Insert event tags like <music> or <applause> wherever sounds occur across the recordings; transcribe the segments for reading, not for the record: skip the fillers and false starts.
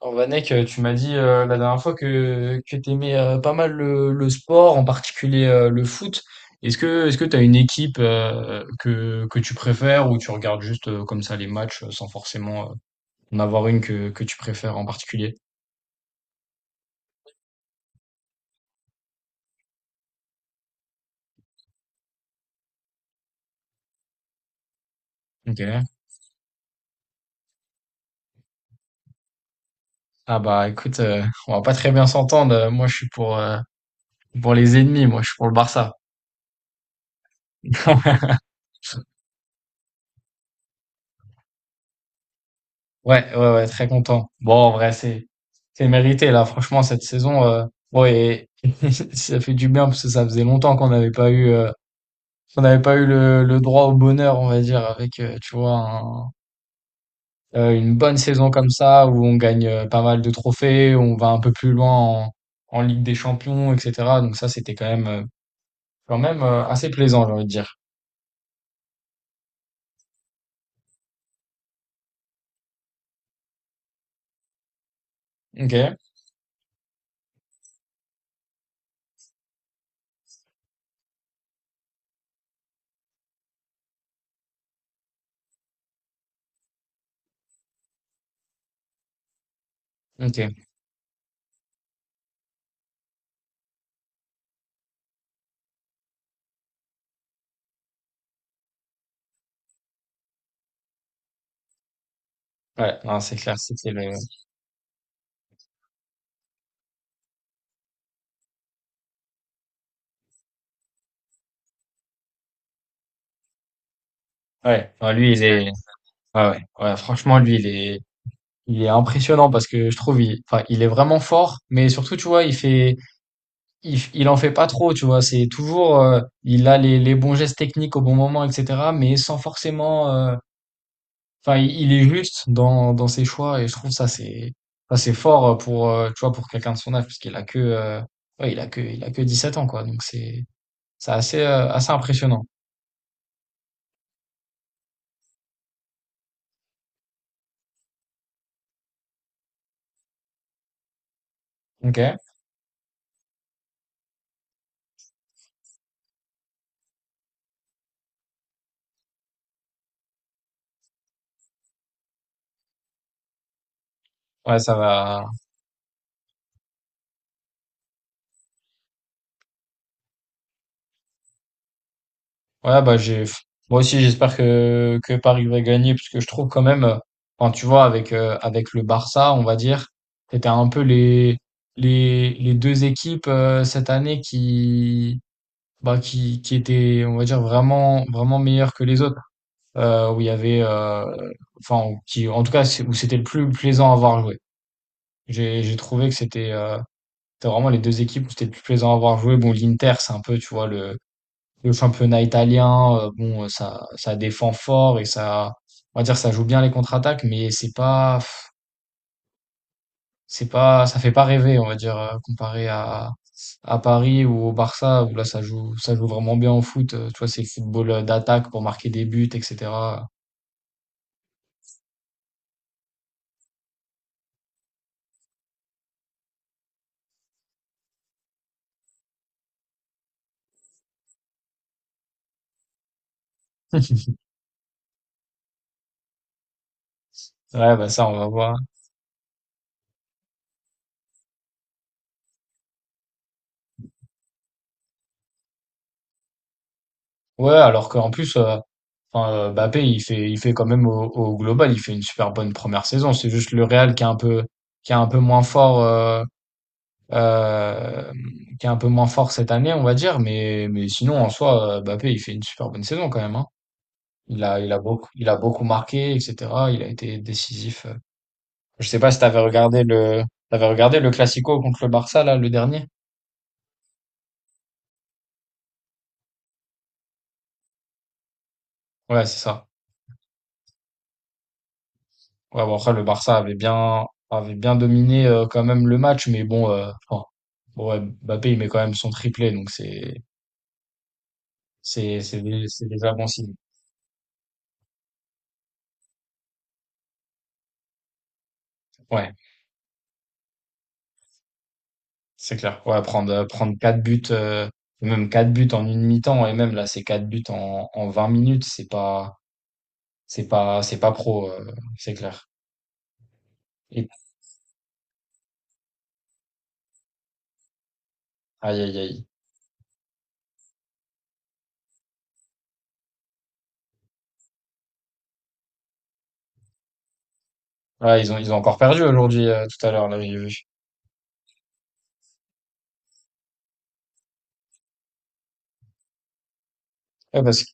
Oh, Vanek, tu m'as dit la dernière fois que tu aimais pas mal le sport, en particulier le foot. Est-ce que tu as une équipe que tu préfères, ou tu regardes juste comme ça les matchs sans forcément en avoir une que tu préfères en particulier? Ok. Ah bah écoute, on va pas très bien s'entendre. Moi je suis pour, pour les ennemis, moi je suis pour le Barça. <laughs> Ouais, ouais, ouais, très content. Bon, en vrai, c'est mérité là. Franchement, cette saison, bon. Et <laughs> ça fait du bien parce que ça faisait longtemps qu'on n'avait pas eu le droit au bonheur, on va dire, avec tu vois une bonne saison comme ça, où on gagne pas mal de trophées, où on va un peu plus loin en Ligue des Champions, etc. Donc ça, c'était quand même, assez plaisant, j'ai envie de dire. Ok, ok. Ouais, non, c'est clair, c'était le. Ouais, non, lui, il est. Ouais, ouais, ouais. Franchement, lui, il est. Il est impressionnant parce que je trouve, enfin, il est vraiment fort. Mais surtout, tu vois, il en fait pas trop, tu vois. C'est toujours, il a les bons gestes techniques au bon moment, etc. Mais sans forcément, enfin, il est juste dans, ses choix. Et je trouve ça, c'est fort pour, tu vois, pour quelqu'un de son âge, parce qu'il a que, ouais, il a que 17 ans, quoi. Donc c'est, c'est assez impressionnant. Ok. Ouais, ça va. Ouais, bah j'ai moi aussi j'espère que Paris va gagner parce que je trouve quand même, enfin tu vois, avec avec le Barça, on va dire, c'était un peu les deux équipes cette année qui bah qui étaient, on va dire, vraiment vraiment meilleures que les autres, où il y avait enfin où- qui en tout cas c'est- où c'était le plus plaisant à voir jouer. J'ai trouvé que c'était vraiment les deux équipes où c'était le plus plaisant à voir jouer. Bon, l'Inter, c'est un peu, tu vois, le championnat italien. Bon, ça, défend fort, et ça, on va dire, ça joue bien les contre-attaques. Mais c'est pas, ça fait pas rêver, on va dire, comparé à Paris ou au Barça, où là, ça joue vraiment bien au foot. Tu vois, c'est football d'attaque pour marquer des buts, etc. Ouais, bah ça, on va voir. Ouais, alors qu'en plus, enfin, Mbappé, il fait quand même, au global, il fait une super bonne première saison. C'est juste le Real qui est un peu moins fort. Euh, qui est un peu moins fort cette année, on va dire. Mais sinon, en soi, Mbappé, il fait une super bonne saison quand même, hein. Il a beaucoup marqué, etc. Il a été décisif. Je sais pas si t'avais regardé le Classico contre le Barça, là, le dernier? Ouais, c'est ça. Ouais, bon, après, le Barça avait bien dominé, quand même, le match. Mais bon, enfin, bon, ouais, Mbappé, il met quand même son triplé, donc c'est déjà bon signe. Ouais. C'est clair. Ouais, prendre, prendre 4 buts, même 4 buts en une mi-temps, et même là, c'est 4 buts en 20 minutes. C'est pas, c'est pas pro, c'est clair. Et, aïe, aïe, aïe. Ouais, ils ont encore perdu aujourd'hui, tout à l'heure, là, j'ai vu. Ouais, parce que,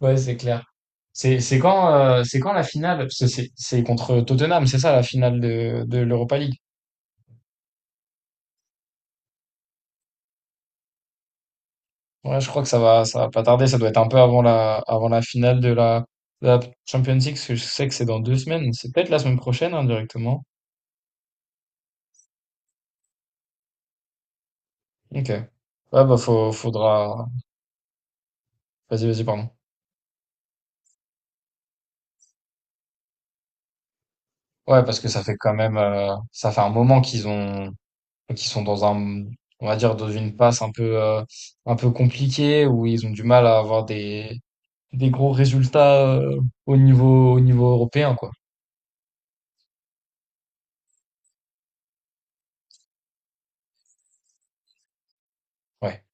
ouais, c'est clair. C'est quand la finale? Parce que c'est contre Tottenham, c'est ça, la finale de l'Europa League. Ouais, je crois que ça va pas tarder. Ça doit être un peu avant la finale de la Champions League, parce que je sais que c'est dans deux semaines. C'est peut-être la semaine prochaine, hein, directement. Ok. Ouais, bah faudra. Vas-y, vas-y, pardon. Ouais, parce que ça fait quand même, ça fait un moment qu'ils sont on va dire dans une passe un peu compliquée, où ils ont du mal à avoir des gros résultats au niveau européen, quoi. Ouais.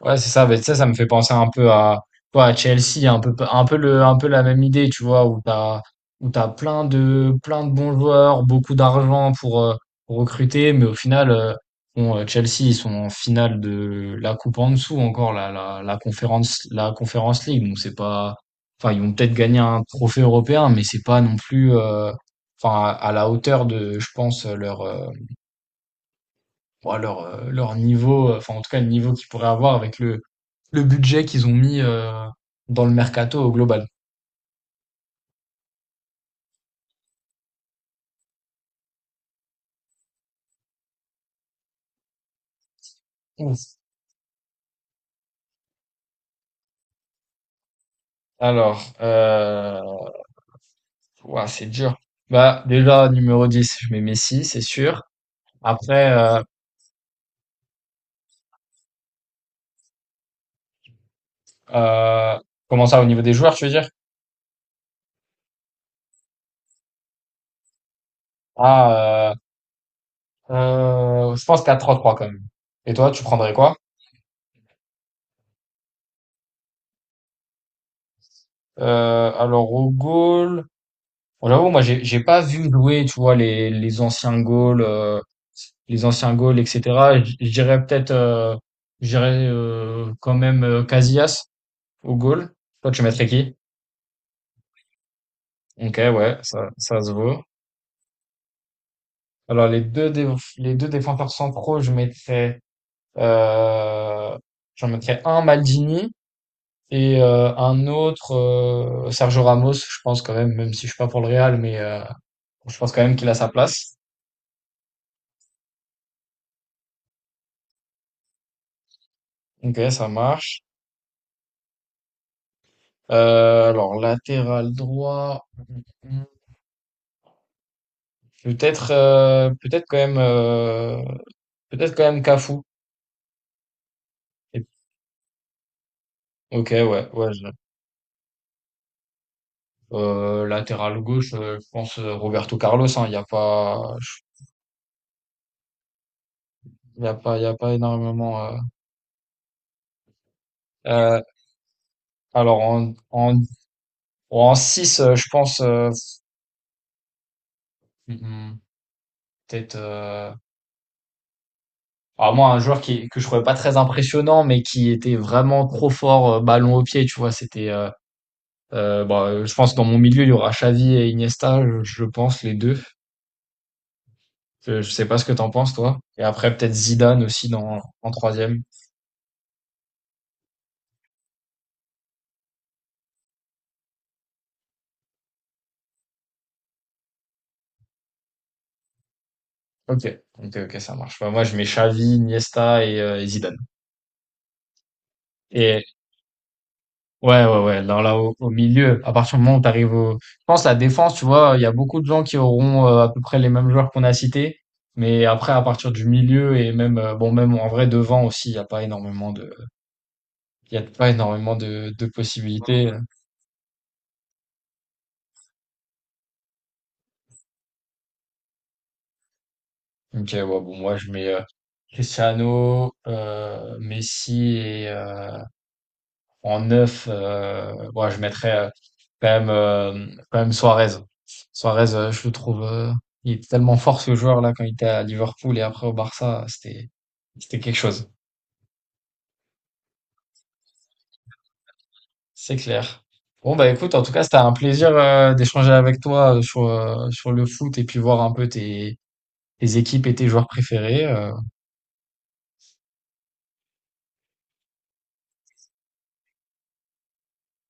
Ouais, c'est ça. Mais ça ça me fait penser un peu à, quoi, à Chelsea, un peu la même idée, tu vois, où t'as plein de bons joueurs, beaucoup d'argent pour, recruter. Mais au final, bon, Chelsea, ils sont en finale de la coupe en dessous encore, la Conference League. Donc c'est pas, enfin, ils vont peut-être gagner un trophée européen, mais c'est pas non plus, enfin, à la hauteur de, je pense, leur niveau, enfin, en tout cas, le niveau qu'ils pourraient avoir avec le budget qu'ils ont mis dans le mercato au global. Ouf. Alors, ouah, c'est dur. Bah, déjà, numéro 10, je mets Messi, c'est sûr. Après, euh, comment ça, au niveau des joueurs, tu veux dire? Ah, je pense quatre trois 3 quand même. Et toi, tu prendrais quoi? Alors, au goal, bon, j'avoue, moi, j'ai pas vu jouer, tu vois, les anciens goals, etc. Je dirais quand même Casillas au goal. Toi, tu mettrais qui? Ok, ouais, ça se vaut. Alors, les deux défenseurs centraux, euh, j'en mettrais un Maldini et un autre Sergio Ramos, je pense quand même, même si je suis pas pour le Real. Mais je pense quand même qu'il a sa place. Ok, ça marche. Alors, latéral droit, peut-être euh, peut-être quand même euh, peut-être quand même Cafu. Et- Ok, ouais, ouais. Latéral gauche, je pense Roberto Carlos. Il, hein, y a pas, il y a pas, il y a pas énormément. Euh, alors en en 6, je pense, mhm, peut-être. Alors moi, un joueur qui que je trouvais pas très impressionnant, mais qui était vraiment trop fort ballon au pied. Tu vois, c'était. Bon, je pense que dans mon milieu, il y aura Xavi et Iniesta, je pense, les deux. Je sais pas ce que t'en penses, toi. Et après, peut-être Zidane aussi en troisième. Ok, ok, ok, ça marche. Bah, moi, je mets Xavi, Iniesta et Zidane. Et ouais, ouais, ouais. Alors là, au milieu, à partir du moment où t'arrives au. Je pense la défense, tu vois, il y a beaucoup de gens qui auront à peu près les mêmes joueurs qu'on a cités. Mais après, à partir du milieu, et même, bon, même en vrai, devant aussi, il y a pas énormément de possibilités. Ok, ouais, bon, moi je mets Cristiano, Messi et en neuf, ouais, je mettrais quand même Suarez. Suarez, je le trouve, il est tellement fort ce joueur là quand il était à Liverpool, et après au Barça, c'était quelque chose, c'est clair. Bon bah écoute, en tout cas c'était un plaisir d'échanger avec toi sur, sur le foot et puis voir un peu tes équipes et tes joueurs préférés.